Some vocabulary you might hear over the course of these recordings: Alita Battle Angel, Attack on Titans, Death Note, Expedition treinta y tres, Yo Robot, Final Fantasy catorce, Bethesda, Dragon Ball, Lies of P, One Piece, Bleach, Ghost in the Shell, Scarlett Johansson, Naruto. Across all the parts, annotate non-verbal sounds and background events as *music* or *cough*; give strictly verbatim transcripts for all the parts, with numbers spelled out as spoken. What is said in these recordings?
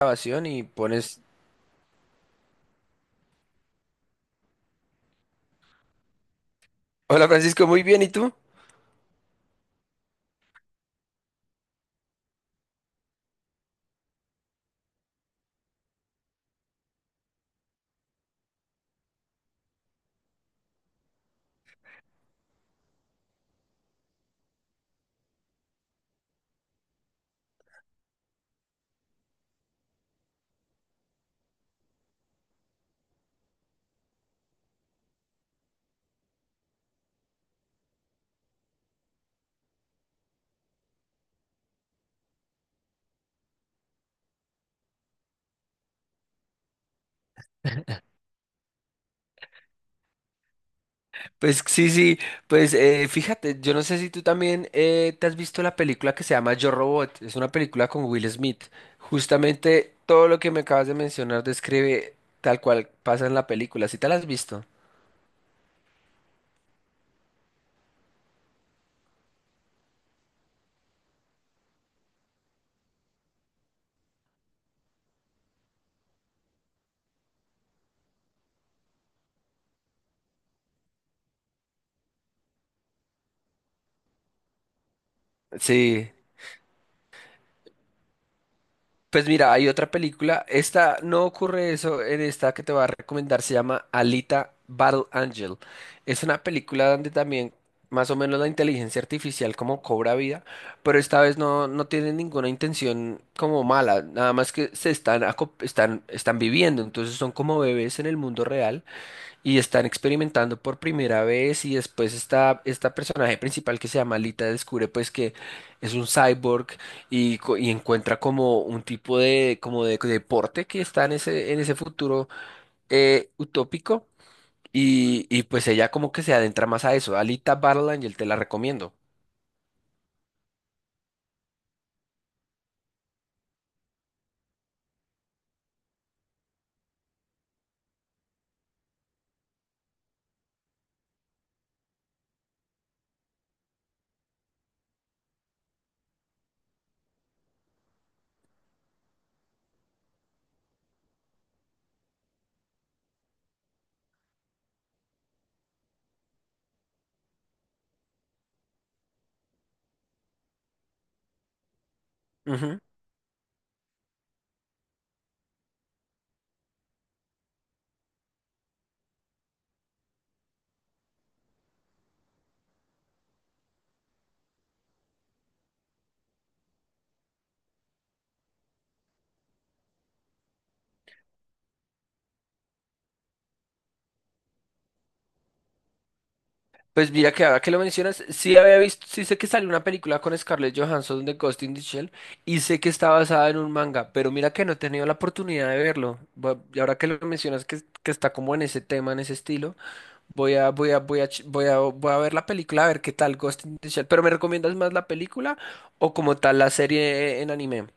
Grabación y pones. Hola, Francisco, muy bien, ¿y tú? *laughs* Pues sí, sí, pues eh, fíjate, yo no sé si tú también eh, te has visto la película que se llama Yo Robot. Es una película con Will Smith. Justamente todo lo que me acabas de mencionar describe tal cual pasa en la película, ¿sí te la has visto? Sí. Pues mira, hay otra película. Esta no ocurre eso en esta que te voy a recomendar. Se llama Alita Battle Angel. Es una película donde también más o menos la inteligencia artificial como cobra vida, pero esta vez no, no, tiene ninguna intención como mala. Nada más que se están, acop- están, están viviendo. Entonces son como bebés en el mundo real y están experimentando por primera vez. Y después está esta personaje principal que se llama Lita, descubre pues que es un cyborg y, co- y encuentra como un tipo de, como de deporte que está en ese en ese futuro eh, utópico. Y, y pues ella como que se adentra más a eso. Alita Battle Angel, te la recomiendo. Pues mira que ahora que lo mencionas, sí había visto, sí sé que salió una película con Scarlett Johansson de Ghost in the Shell, y sé que está basada en un manga, pero mira que no he tenido la oportunidad de verlo. Bu- Y ahora que lo mencionas que, que está como en ese tema, en ese estilo, voy a, voy a, voy a, ch- voy a, voy a ver la película a ver qué tal Ghost in the Shell. Pero ¿me recomiendas más la película o como tal la serie en anime?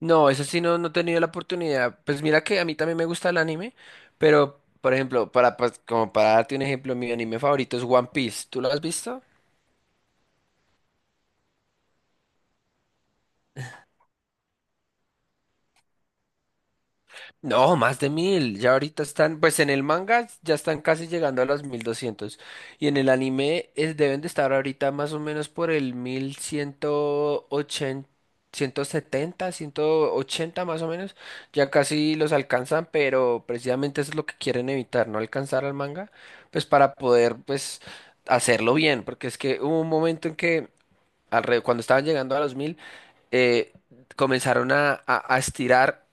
No, eso sí no, no, he tenido la oportunidad. Pues mira que a mí también me gusta el anime, pero por ejemplo, para, pas- como para darte un ejemplo, mi anime favorito es One Piece. ¿Tú lo has visto? No, más de mil. Ya ahorita están, pues en el manga ya están casi llegando a los mil doscientos. Y en el anime es, deben de estar ahorita más o menos por el mil ciento ciento ochenta, ciento setenta, ciento ochenta más o menos. Ya casi los alcanzan, pero precisamente eso es lo que quieren evitar, no alcanzar al manga, pues para poder pues hacerlo bien, porque es que hubo un momento en que alre- cuando estaban llegando a los mil. eh, Comenzaron a, a- a estirar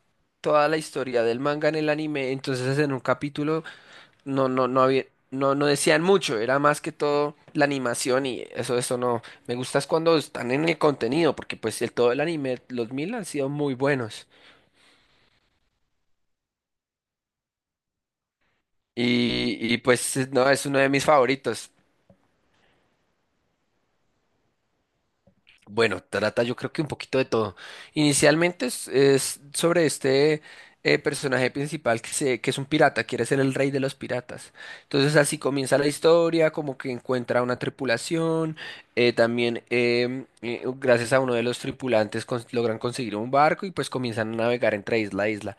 toda la historia del manga en el anime. Entonces, en un capítulo no, no, no había, no, no decían mucho, era más que todo la animación, y eso, eso no. Me gusta es cuando están en el contenido, porque pues el, todo el anime, los mil han sido muy buenos. Y, y pues no, es uno de mis favoritos. Bueno, trata yo creo que un poquito de todo. Inicialmente es, es sobre este eh, personaje principal que, se, que es un pirata, quiere ser el rey de los piratas. Entonces así comienza la historia, como que encuentra una tripulación, eh, también em, eh, gracias a uno de los tripulantes cons- logran conseguir un barco y pues comienzan a navegar entre isla a isla.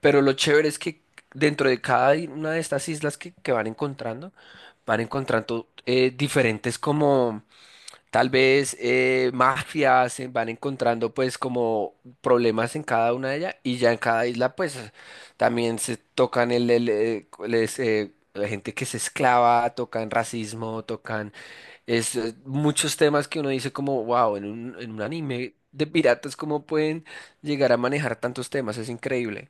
Pero lo chévere es que dentro de cada i- una de estas islas que, que van encontrando, van encontrando eh, diferentes, como tal vez eh, mafias se van encontrando pues como problemas en cada una de ellas. Y ya en cada isla pues también se tocan el, el, eh, les, eh, la gente que se esclava, tocan racismo, tocan es, eh, muchos temas que uno dice como wow, en un, en un, anime de piratas cómo pueden llegar a manejar tantos temas, es increíble.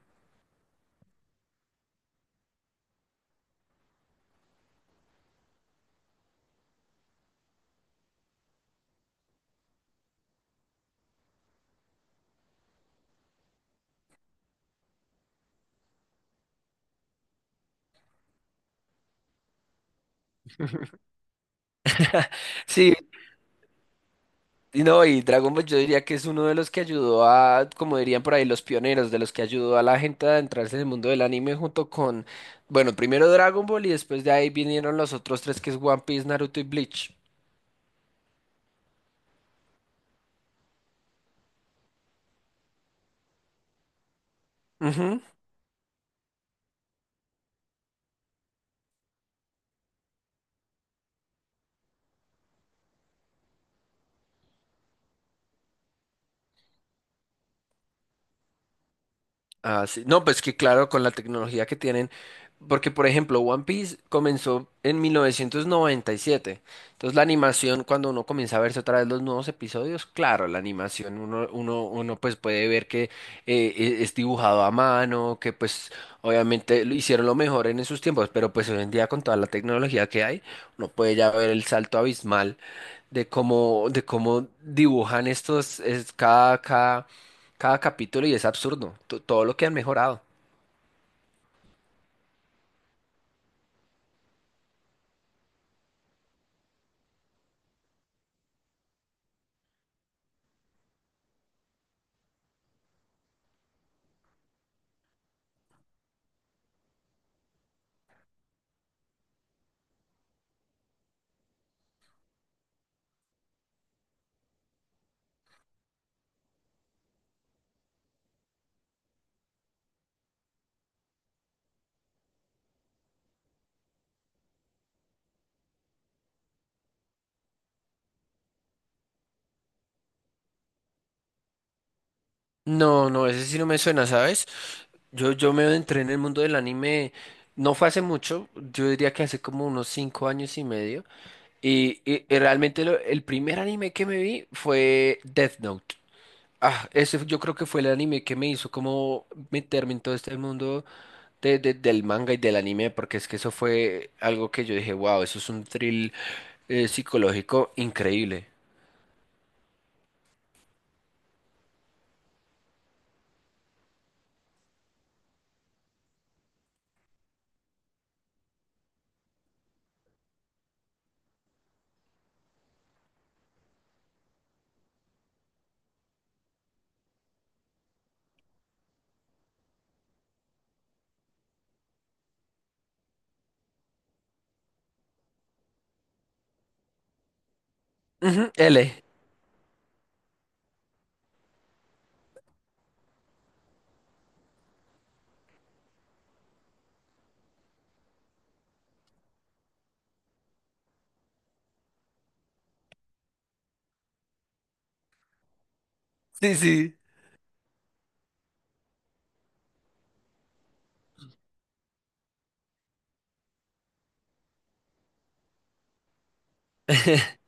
Sí, y no, y Dragon Ball yo diría que es uno de los que ayudó a, como dirían por ahí, los pioneros, de los que ayudó a la gente a adentrarse en el mundo del anime junto con, bueno, primero Dragon Ball, y después de ahí vinieron los otros tres, que es One Piece, Naruto y Bleach. Ujú. Ah, sí. No, pues que claro, con la tecnología que tienen, porque por ejemplo, One Piece comenzó en mil novecientos noventa y siete. Entonces la animación, cuando uno comienza a verse otra vez los nuevos episodios, claro, la animación, uno, uno, uno pues puede ver que eh, e- es dibujado a mano, que pues obviamente lo hicieron lo mejor en esos tiempos, pero pues hoy en día con toda la tecnología que hay, uno puede ya ver el salto abismal de cómo, de cómo, dibujan estos, es, cada, cada, cada capítulo, y es absurdo to- todo lo que han mejorado. No, no, ese sí no me suena, ¿sabes? Yo, yo me entré en el mundo del anime, no fue hace mucho, yo diría que hace como unos cinco años y medio, y, y- y realmente lo- el primer anime que me vi fue Death Note. Ah, ese yo creo que fue el anime que me hizo como meterme en todo este mundo de, de- del manga y del anime, porque es que eso fue algo que yo dije, wow, eso es un thrill eh, psicológico increíble. Ujú, L. Sí, sí. *laughs*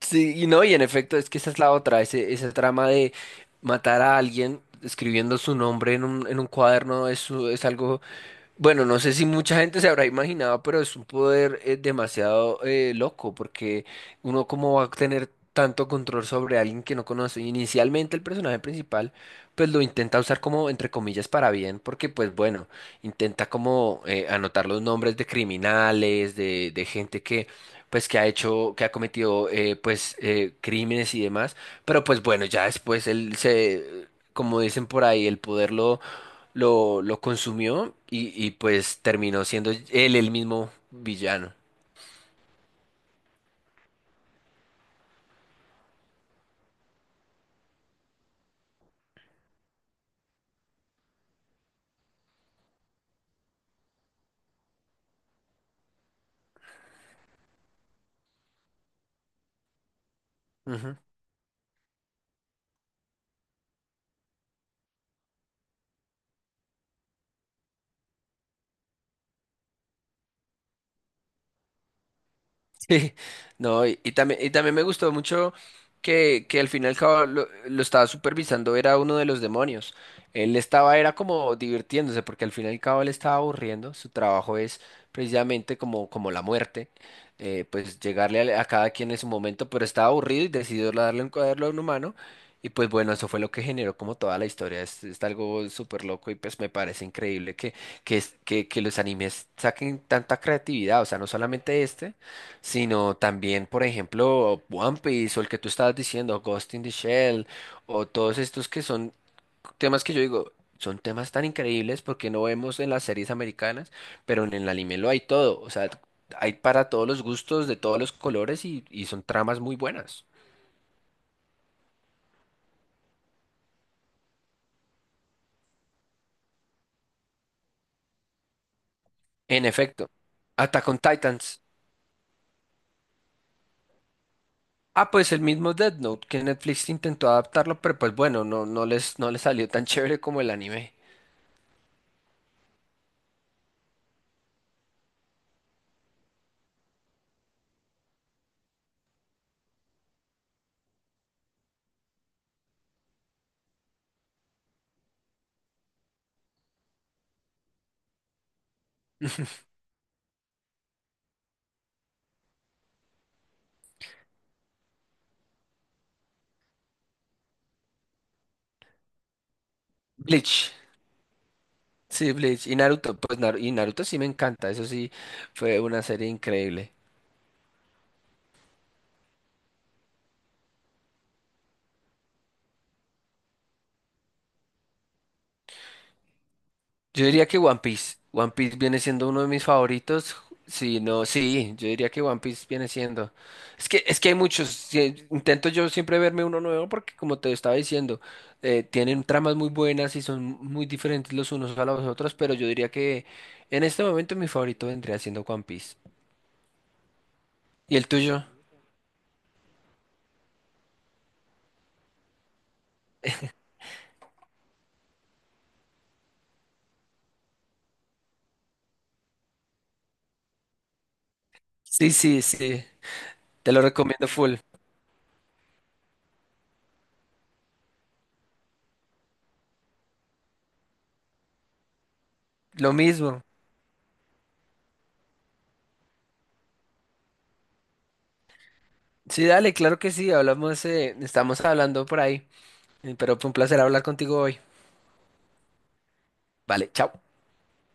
Sí, y no, y en efecto, es que esa es la otra, ese, ese trama de matar a alguien escribiendo su nombre en un, en un cuaderno es, su- es algo. Bueno, no sé si mucha gente se habrá imaginado, pero es un poder eh, demasiado eh, loco, porque uno cómo va a tener tanto control sobre alguien que no conoce. Inicialmente, el personaje principal pues lo intenta usar como, entre comillas, para bien, porque pues bueno, intenta como eh, anotar los nombres de criminales, de, de gente que pues que ha hecho, que ha cometido eh, pues eh, crímenes y demás, pero pues bueno, ya después él se, como dicen por ahí, el poder lo lo, lo consumió, y, y pues terminó siendo él el mismo villano. Ujú. Sí, no, y, y también, y también me gustó mucho que, que al final y al cabo lo, lo estaba supervisando, era uno de los demonios. Él estaba, era como divirtiéndose, porque al final y al cabo él estaba aburriendo. Su trabajo es precisamente como, como la muerte, eh, pues llegarle al- a cada quien en su momento, pero estaba aburrido y decidió darle un cuaderno a un humano. Y pues bueno, eso fue lo que generó como toda la historia. Es, es algo súper loco, y pues me parece increíble que, que, es- que, que los animes saquen tanta creatividad. O sea, no solamente este, sino también, por ejemplo, One Piece, o el que tú estabas diciendo, Ghost in the Shell, o todos estos que son temas que yo digo, son temas tan increíbles porque no vemos en las series americanas, pero en el anime lo hay todo. O sea, hay para todos los gustos, de todos los colores, y, y son tramas muy buenas. En efecto, Attack on Titans. Ah, pues el mismo Death Note que Netflix intentó adaptarlo, pero pues bueno, no, no les, no les salió tan *laughs* chévere como el anime. Bleach. Sí, Bleach y Naruto, pues Naru- y Naruto sí me encanta, eso sí fue una serie increíble. Yo diría que One Piece, One Piece viene siendo uno de mis favoritos, si no, sí, yo diría que One Piece viene siendo. Es que es que hay muchos, sí, intento yo siempre verme uno nuevo porque como te estaba diciendo, eh, tienen tramas muy buenas y son muy diferentes los unos a los otros, pero yo diría que en este momento mi favorito vendría siendo One Piece. ¿Y el tuyo? Sí, sí, sí, te lo recomiendo full. Lo mismo. Sí, dale, claro que sí, hablamos, eh, estamos hablando por ahí, eh, pero fue un placer hablar contigo hoy. Vale, chao.